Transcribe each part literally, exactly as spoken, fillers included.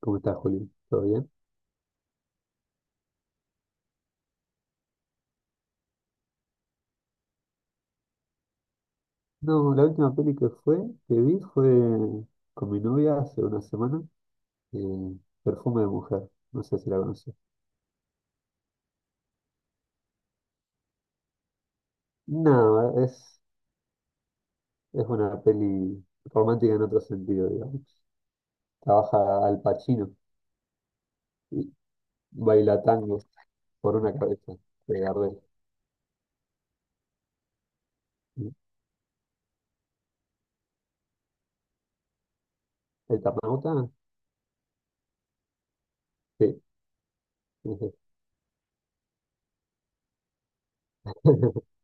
¿Cómo estás, Juli? ¿Todo bien? No, la última peli que fue, que vi fue con mi novia hace una semana, eh, Perfume de Mujer. No sé si la conoces. No, es, es una peli romántica en otro sentido, digamos. Trabaja Al Pacino y baila tango por una cabeza de Gardel. ¿El Eternauta? Sí, es ese.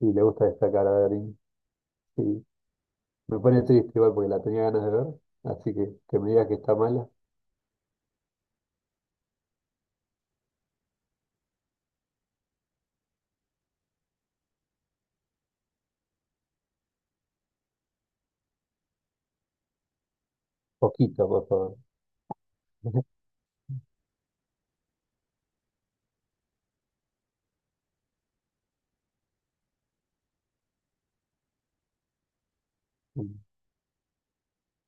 Y le gusta destacar a Darín. Sí. Me pone triste igual porque la tenía ganas de ver, así que que me digas que está mala, poquito, por favor. ¿No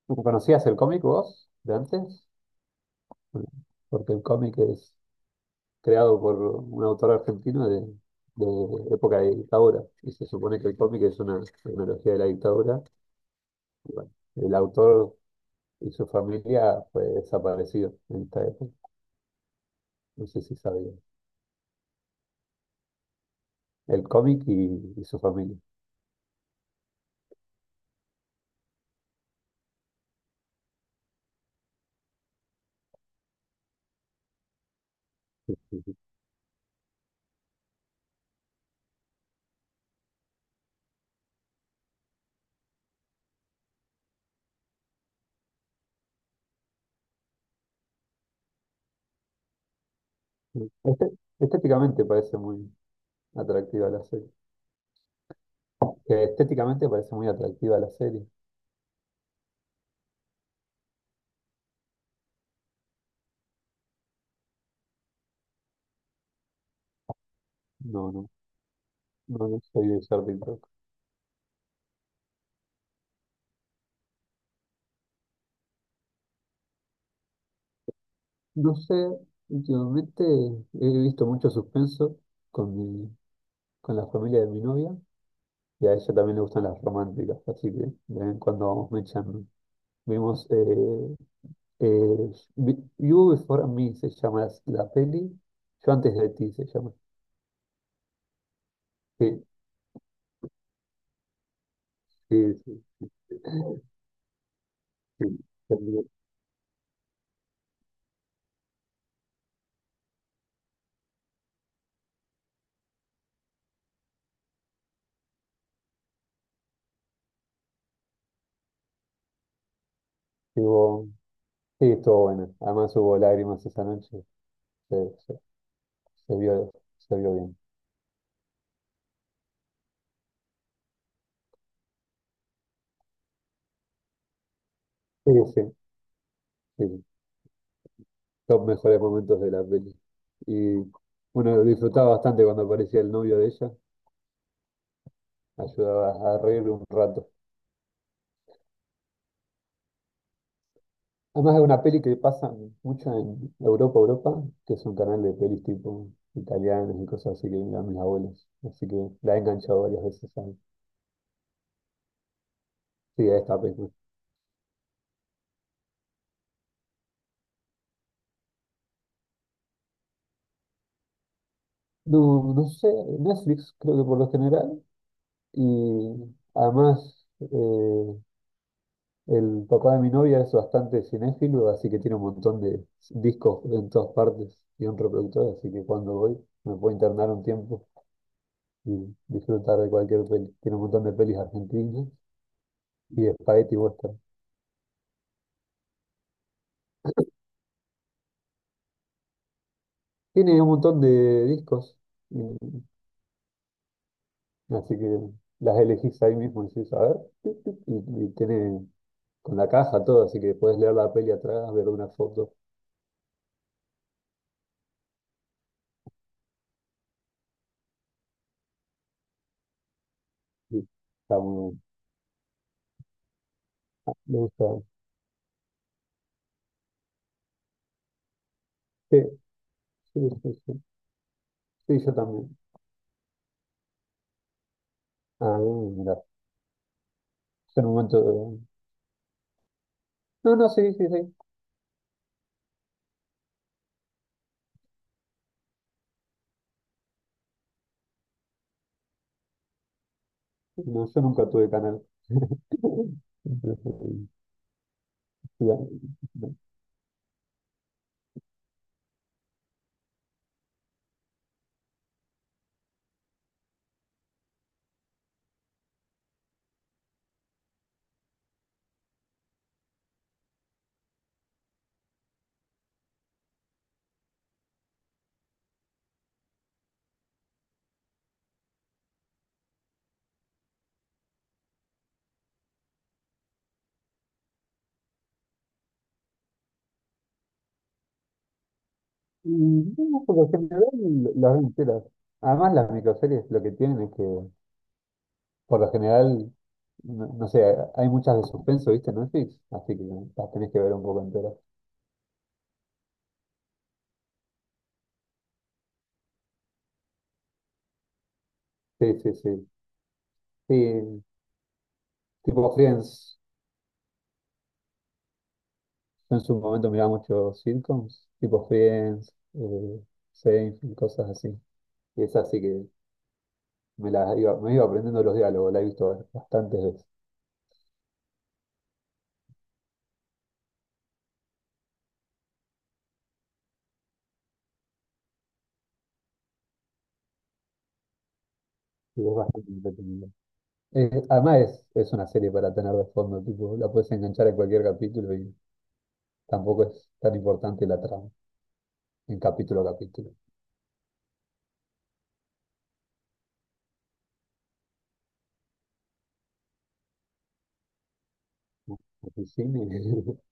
¿Conocías el cómic vos de antes? Bueno, porque el cómic es creado por un autor argentino de, de época de dictadura. Y se supone que el cómic es una tecnología de la dictadura. Y bueno, el autor y su familia fue desaparecido en esta época. No sé si sabían. El cómic y, y su familia. Este- Estéticamente parece muy atractiva la serie. Que estéticamente parece muy atractiva la serie. No, no, no, no soy de ser pintor. No sé, últimamente he visto mucho suspenso con mi, con la familia de mi novia y a ella también le gustan las románticas, así que de vez en cuando vamos mechando. Vimos eh, eh, Vi- You Before Me se llama la, la peli, Yo antes de ti se llama. Sí, sí, sí, sí, también estuvo- sí, estuvo buena. Además hubo lágrimas esa noche, se, se- se vio, se vio bien. Sí, sí, sí, sí. Los mejores momentos de la peli. Y bueno, lo disfrutaba bastante cuando aparecía el novio de ella. Ayudaba a reír un rato. Además es una peli que pasa mucho en Europa, Europa, que es un canal de pelis tipo italianas y cosas así que miran mis abuelos. Así que la he enganchado varias veces a, sí, a esta película. No, no sé, Netflix creo que por lo general. Y además eh, el papá de mi novia es bastante cinéfilo, así que tiene un montón de discos en todas partes y un reproductor, así que cuando voy me puedo internar un tiempo y disfrutar de cualquier peli. Tiene un montón de pelis argentinas y de spaghetti western. Tiene un montón de discos, y- así que las elegís ahí mismo y decís, a ver, tuc, tuc, y, y tiene con la caja todo, así que puedes leer la peli atrás, ver una foto, y está muy bueno. Me gusta. Sí, sí, sí, sí. Sí, yo también. Ah, mira. Yo en un momento... de- No, no, sí, sí, sí. No, yo nunca tuve canal. Entonces, sí, ah, no. Y no, por lo general las veo enteras. Además las microseries lo que tienen es que por lo general, no, no sé, hay muchas de suspenso, ¿viste? En Netflix, así que las tenés que ver un poco enteras. Sí, sí, sí. Sí, tipo Friends. Yo en su momento miraba muchos sitcoms, tipo Friends, eh, Seinfeld, cosas así. Y es así que me las iba, me iba aprendiendo los diálogos, la he visto bastantes veces. Y es bastante entretenida. Es- además es, es una serie para tener de fondo, tipo, la puedes enganchar en cualquier capítulo y tampoco es tan importante la trama, en capítulo a capítulo. El cine.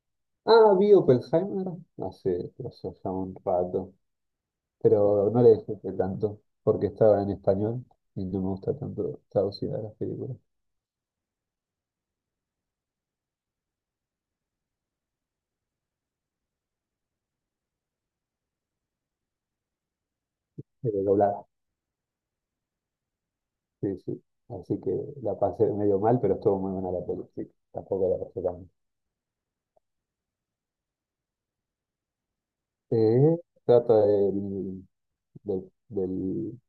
Ah, vi Oppenheimer hace, eso ya un rato, pero no le disfruté tanto, porque estaba en español y no me gusta tanto traducida las películas, pero doblada, sí, sí. Así que la pasé medio mal, pero estuvo muy buena la película, sí, tampoco la pasé tan. Sí, trata del, del, del-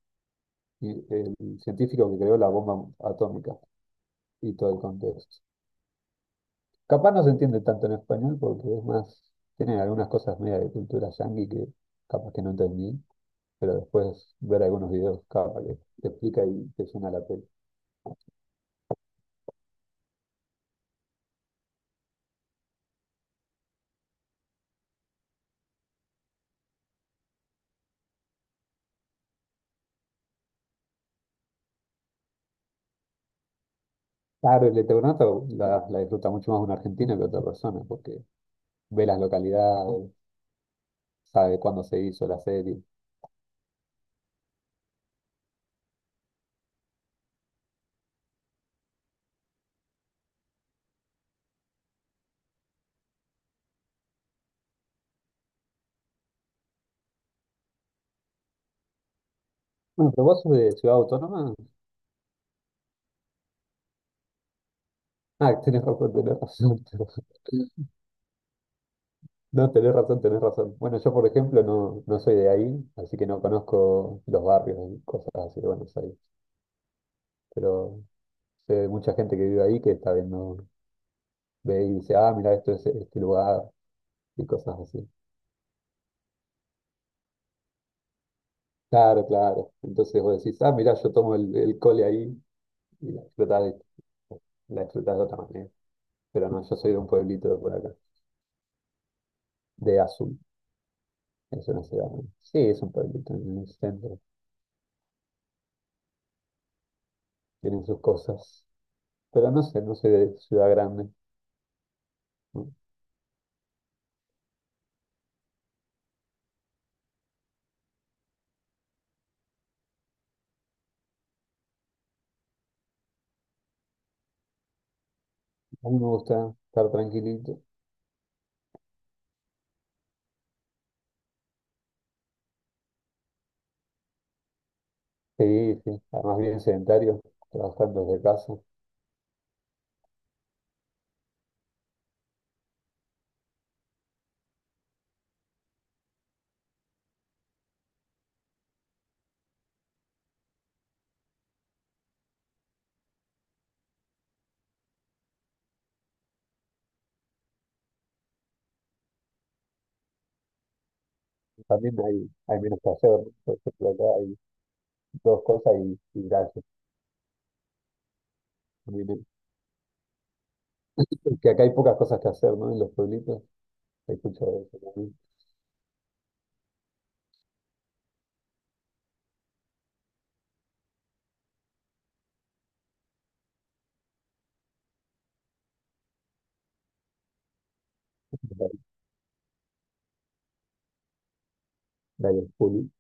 y- el científico que creó la bomba atómica y todo el contexto. Capaz no se entiende tanto en español porque es más, tienen algunas cosas media de cultura yanqui que capaz que no entendí, pero después ver algunos videos capaz que te explica y te suena la peli. Claro, el Eternauta la, la disfruta mucho más una argentina que otra persona porque ve las localidades, sabe cuándo se hizo la serie. Bueno, pero vos sos de Ciudad Autónoma. Ah, tenés razón, tenés razón. No, tenés razón, tenés razón. Bueno, yo por ejemplo no, no soy de ahí, así que no conozco los barrios y cosas así de Buenos Aires. Pero sé de mucha gente que vive ahí que está viendo, ve y dice, ah, mira, esto es este lugar y cosas así. Claro, claro. Entonces vos decís, ah, mira, yo tomo el, el cole ahí y la explotás de, la explotás de otra manera. Pero no, yo soy de un pueblito de por acá, de Azul. Es una ciudad, ¿no? Sí, es un pueblito en el centro. Tienen sus cosas. Pero no sé, no soy de ciudad grande. A mí me gusta estar tranquilito. Sí, sí. Además, bien sedentario, trabajando desde casa. También hay, hay menos que hacer, ¿no? Por ejemplo, acá hay dos cosas y, y gracias. A es que acá hay pocas cosas que hacer, ¿no? En los pueblitos. Hay mucho de eso también. Hay hay el